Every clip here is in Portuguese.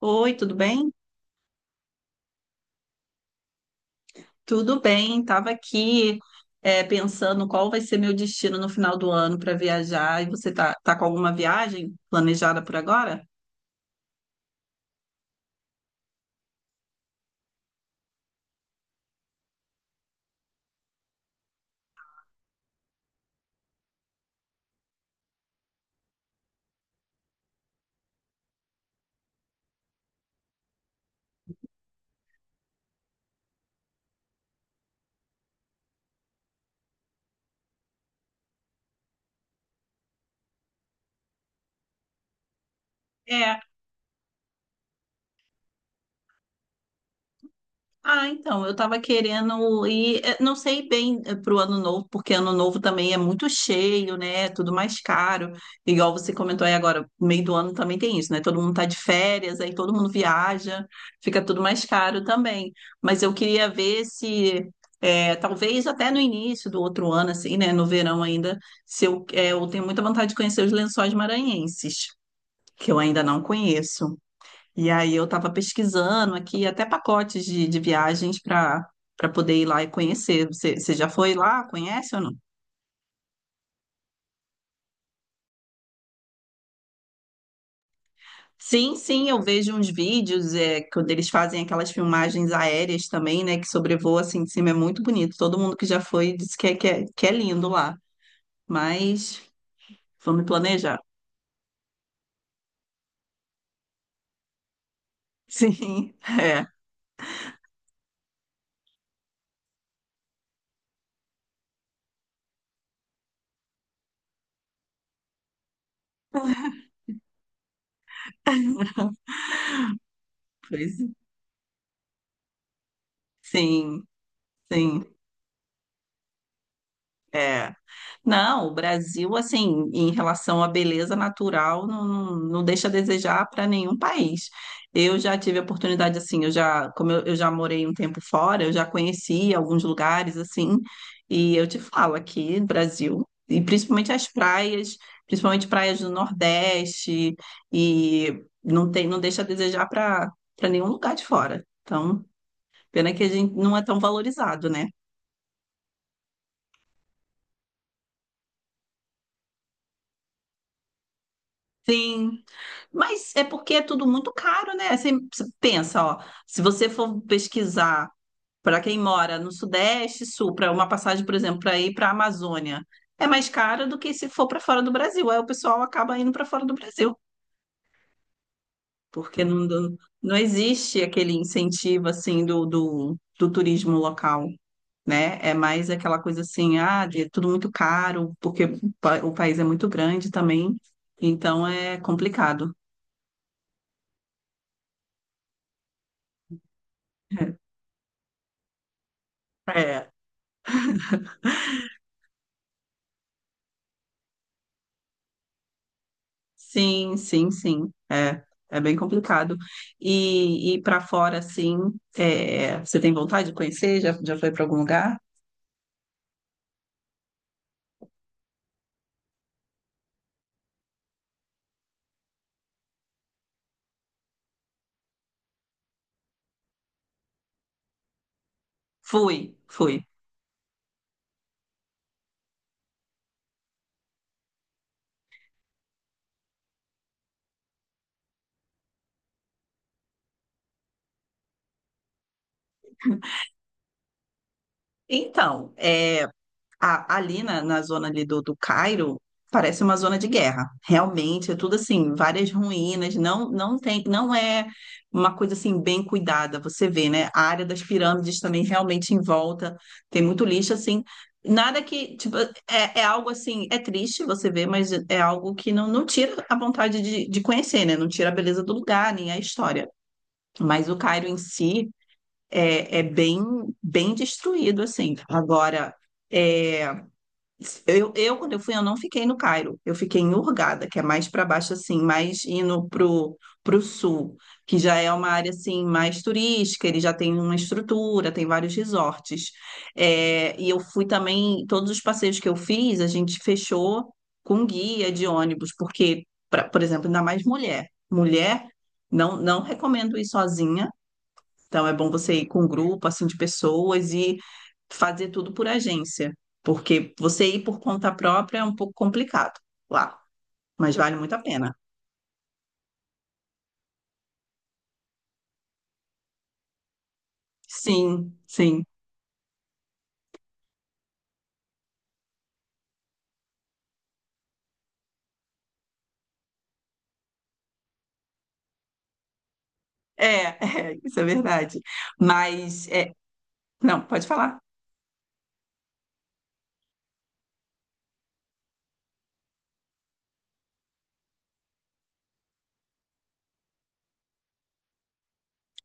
Oi, tudo bem? Tudo bem, estava aqui pensando qual vai ser meu destino no final do ano para viajar. E você tá com alguma viagem planejada por agora? É, Ah, então, eu estava querendo ir, não sei bem para o ano novo, porque ano novo também é muito cheio, né? É Tudo mais caro. Igual você comentou aí agora, meio do ano também tem isso, né? Todo mundo tá de férias, aí todo mundo viaja, fica tudo mais caro também. Mas eu queria ver se, talvez até no início do outro ano, assim, né? No verão ainda, se eu tenho muita vontade de conhecer os Lençóis Maranhenses, que eu ainda não conheço. E aí eu estava pesquisando aqui até pacotes de viagens para para poder ir lá e conhecer. Você já foi lá? Conhece ou não? Sim, sim, eu vejo uns vídeos quando eles fazem aquelas filmagens aéreas também, né? Que sobrevoa assim de cima, é muito bonito. Todo mundo que já foi disse que é lindo lá. Mas vamos planejar. Sim, é. Pois, sim, sim, é. Não, o Brasil, assim, em relação à beleza natural, não deixa a desejar para nenhum país. Eu já tive a oportunidade, assim, eu já morei um tempo fora, eu já conheci alguns lugares, assim, e eu te falo aqui, Brasil, e principalmente as praias, principalmente praias do Nordeste, e não tem, não deixa a desejar para para nenhum lugar de fora. Então, pena que a gente não é tão valorizado, né? Sim, mas é porque é tudo muito caro, né? Você pensa, ó, se você for pesquisar para quem mora no Sudeste, Sul, para uma passagem, por exemplo, para ir para a Amazônia, é mais cara do que se for para fora do Brasil. Aí o pessoal acaba indo para fora do Brasil, porque não existe aquele incentivo assim do turismo local, né? É mais aquela coisa assim, ah, é tudo muito caro, porque o o país é muito grande também, então é complicado. É, sim, sim, sim. É, é bem complicado. E para fora, assim, é, você tem vontade de conhecer? Já foi para algum lugar? Fui, fui. Então, é. Ali na zona ali do Cairo, parece uma zona de guerra. Realmente, é tudo assim, várias ruínas, não é uma coisa assim bem cuidada, você vê, né? A área das pirâmides também realmente em volta, tem muito lixo assim. Nada que, tipo, é algo assim, é triste você ver, mas é algo que não tira a vontade de conhecer, né? Não tira a beleza do lugar, nem a história. Mas o Cairo em si é bem, bem destruído, assim. Agora, é, quando eu fui, eu não fiquei no Cairo. Eu fiquei em Hurghada, que é mais para baixo, assim, mais indo pro sul, que já é uma área, assim, mais turística. Ele já tem uma estrutura, tem vários resorts. É, e eu fui também, todos os passeios que eu fiz, a gente fechou com guia de ônibus, porque, por exemplo, ainda mais mulher. Mulher, não recomendo ir sozinha. Então é bom você ir com um grupo assim de pessoas e fazer tudo por agência, porque você ir por conta própria é um pouco complicado lá, mas vale muito a pena. Sim, sim. É, é, isso é verdade. Mas é, não, pode falar.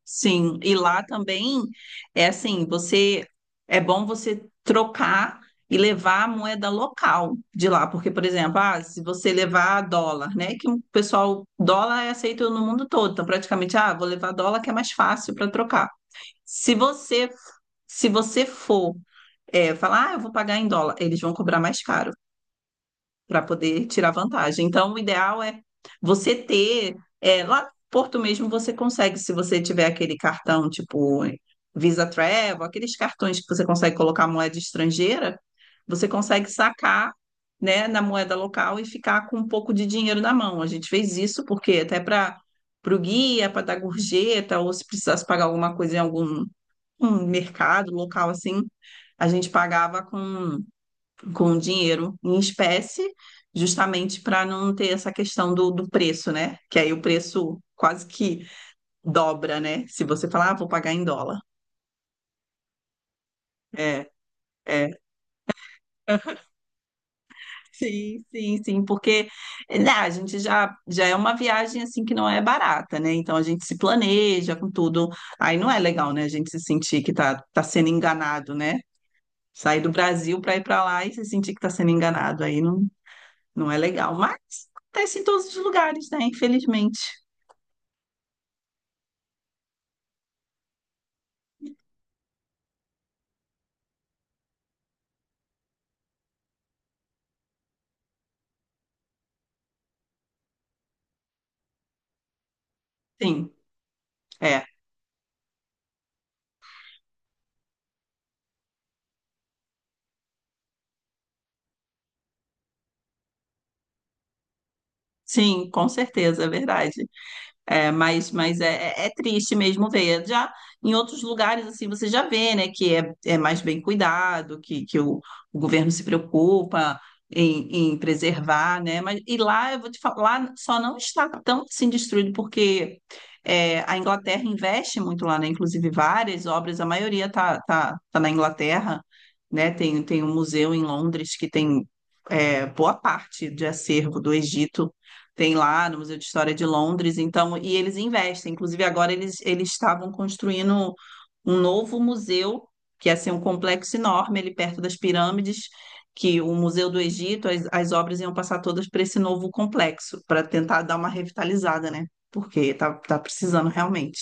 Sim, e lá também é assim, você é bom você trocar e levar a moeda local de lá, porque, por exemplo, ah, se você levar dólar, né? Que o pessoal, dólar é aceito no mundo todo, então praticamente, ah, vou levar dólar que é mais fácil para trocar. Se você, se você for é, falar, ah, eu vou pagar em dólar, eles vão cobrar mais caro para poder tirar vantagem. Então, o ideal é você ter, é, lá no Porto mesmo você consegue, se você tiver aquele cartão tipo Visa Travel, aqueles cartões que você consegue colocar moeda estrangeira, você consegue sacar, né, na moeda local e ficar com um pouco de dinheiro na mão. A gente fez isso porque até para o guia, para dar gorjeta, ou se precisasse pagar alguma coisa em algum um mercado local assim, a gente pagava com dinheiro em espécie, justamente para não ter essa questão do preço, né? Que aí o preço quase que dobra, né? Se você falar, ah, vou pagar em dólar. É, é. Sim, sim, sim, porque né, já é uma viagem assim que não é barata, né? Então a gente se planeja com tudo. Aí não é legal, né? A gente se sentir que tá sendo enganado, né? Sair do Brasil para ir para lá e se sentir que tá sendo enganado. Aí não, não é legal. Mas acontece em todos os lugares, né? Infelizmente. Sim, é. Sim, com certeza, é verdade. É, mas é triste mesmo ver. Já em outros lugares, assim, você já vê, né, é mais bem cuidado, que o governo se preocupa em, em preservar, né? Mas, e lá, eu vou te falar, lá só não está tão assim destruído, porque é, a Inglaterra investe muito lá, né? Inclusive várias obras, a maioria tá na Inglaterra, né? Tem, tem um museu em Londres que tem é, boa parte de acervo do Egito tem lá no Museu de História de Londres, então, e eles investem. Inclusive, agora eles estavam construindo um novo museu, que ia ser um complexo enorme ali perto das pirâmides, que o Museu do Egito, as obras iam passar todas para esse novo complexo, para tentar dar uma revitalizada, né? Porque tá precisando realmente.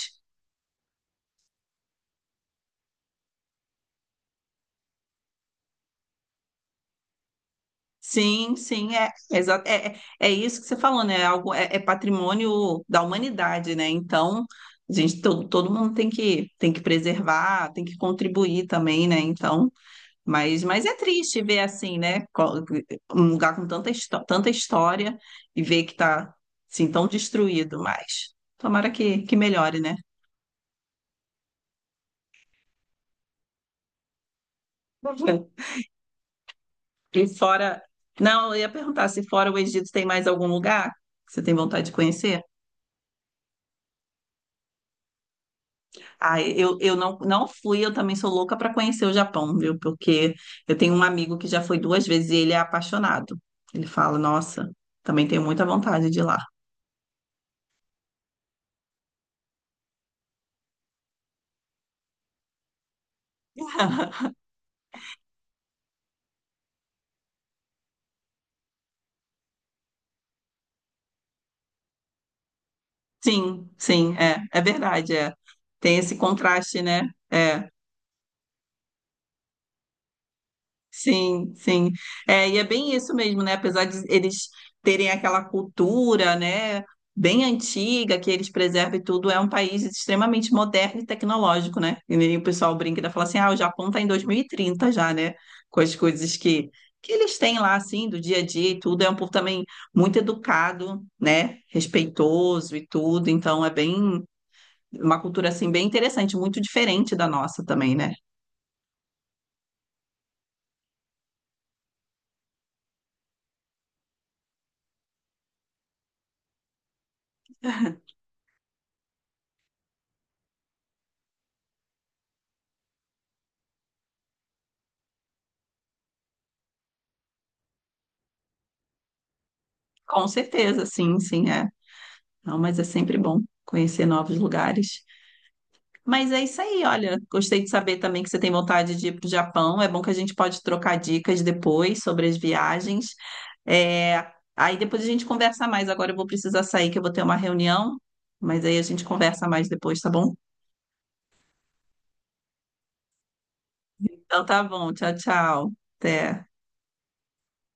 Sim, sim, é, é, é isso que você falou, né? É Algo, é patrimônio da humanidade, né? Então, a gente, todo mundo tem tem que preservar, tem que contribuir também, né? Então, mas é triste ver assim, né? Um lugar com tanta, tanta história e ver que tá, assim, tão destruído, mas tomara que melhore, né? E fora... Não, eu ia perguntar se fora o Egito tem mais algum lugar que você tem vontade de conhecer? Ah, eu não, não fui, eu também sou louca para conhecer o Japão, viu? Porque eu tenho um amigo que já foi 2 vezes e ele é apaixonado. Ele fala, nossa, também tenho muita vontade de ir lá. Sim, sim, é, é verdade, é. Tem esse contraste, né? É. Sim, sim. É, e é bem isso mesmo, né? Apesar de eles terem aquela cultura, né, bem antiga, que eles preservam e tudo, é um país extremamente moderno e tecnológico, né? E aí o pessoal brinca e fala assim: ah, o Japão tá em 2030 já, né? Com as coisas que eles têm lá, assim, do dia a dia e tudo. É um povo também muito educado, né? Respeitoso e tudo. Então é bem. Uma cultura assim bem interessante, muito diferente da nossa também, né? Com certeza, sim, sim, é. Não, mas é sempre bom conhecer novos lugares. Mas é isso aí, olha. Gostei de saber também que você tem vontade de ir para o Japão. É bom que a gente pode trocar dicas depois sobre as viagens. É, Aí depois a gente conversa mais. Agora eu vou precisar sair, que eu vou ter uma reunião. Mas aí a gente conversa mais depois, tá bom? Então tá bom. Tchau, tchau. Até.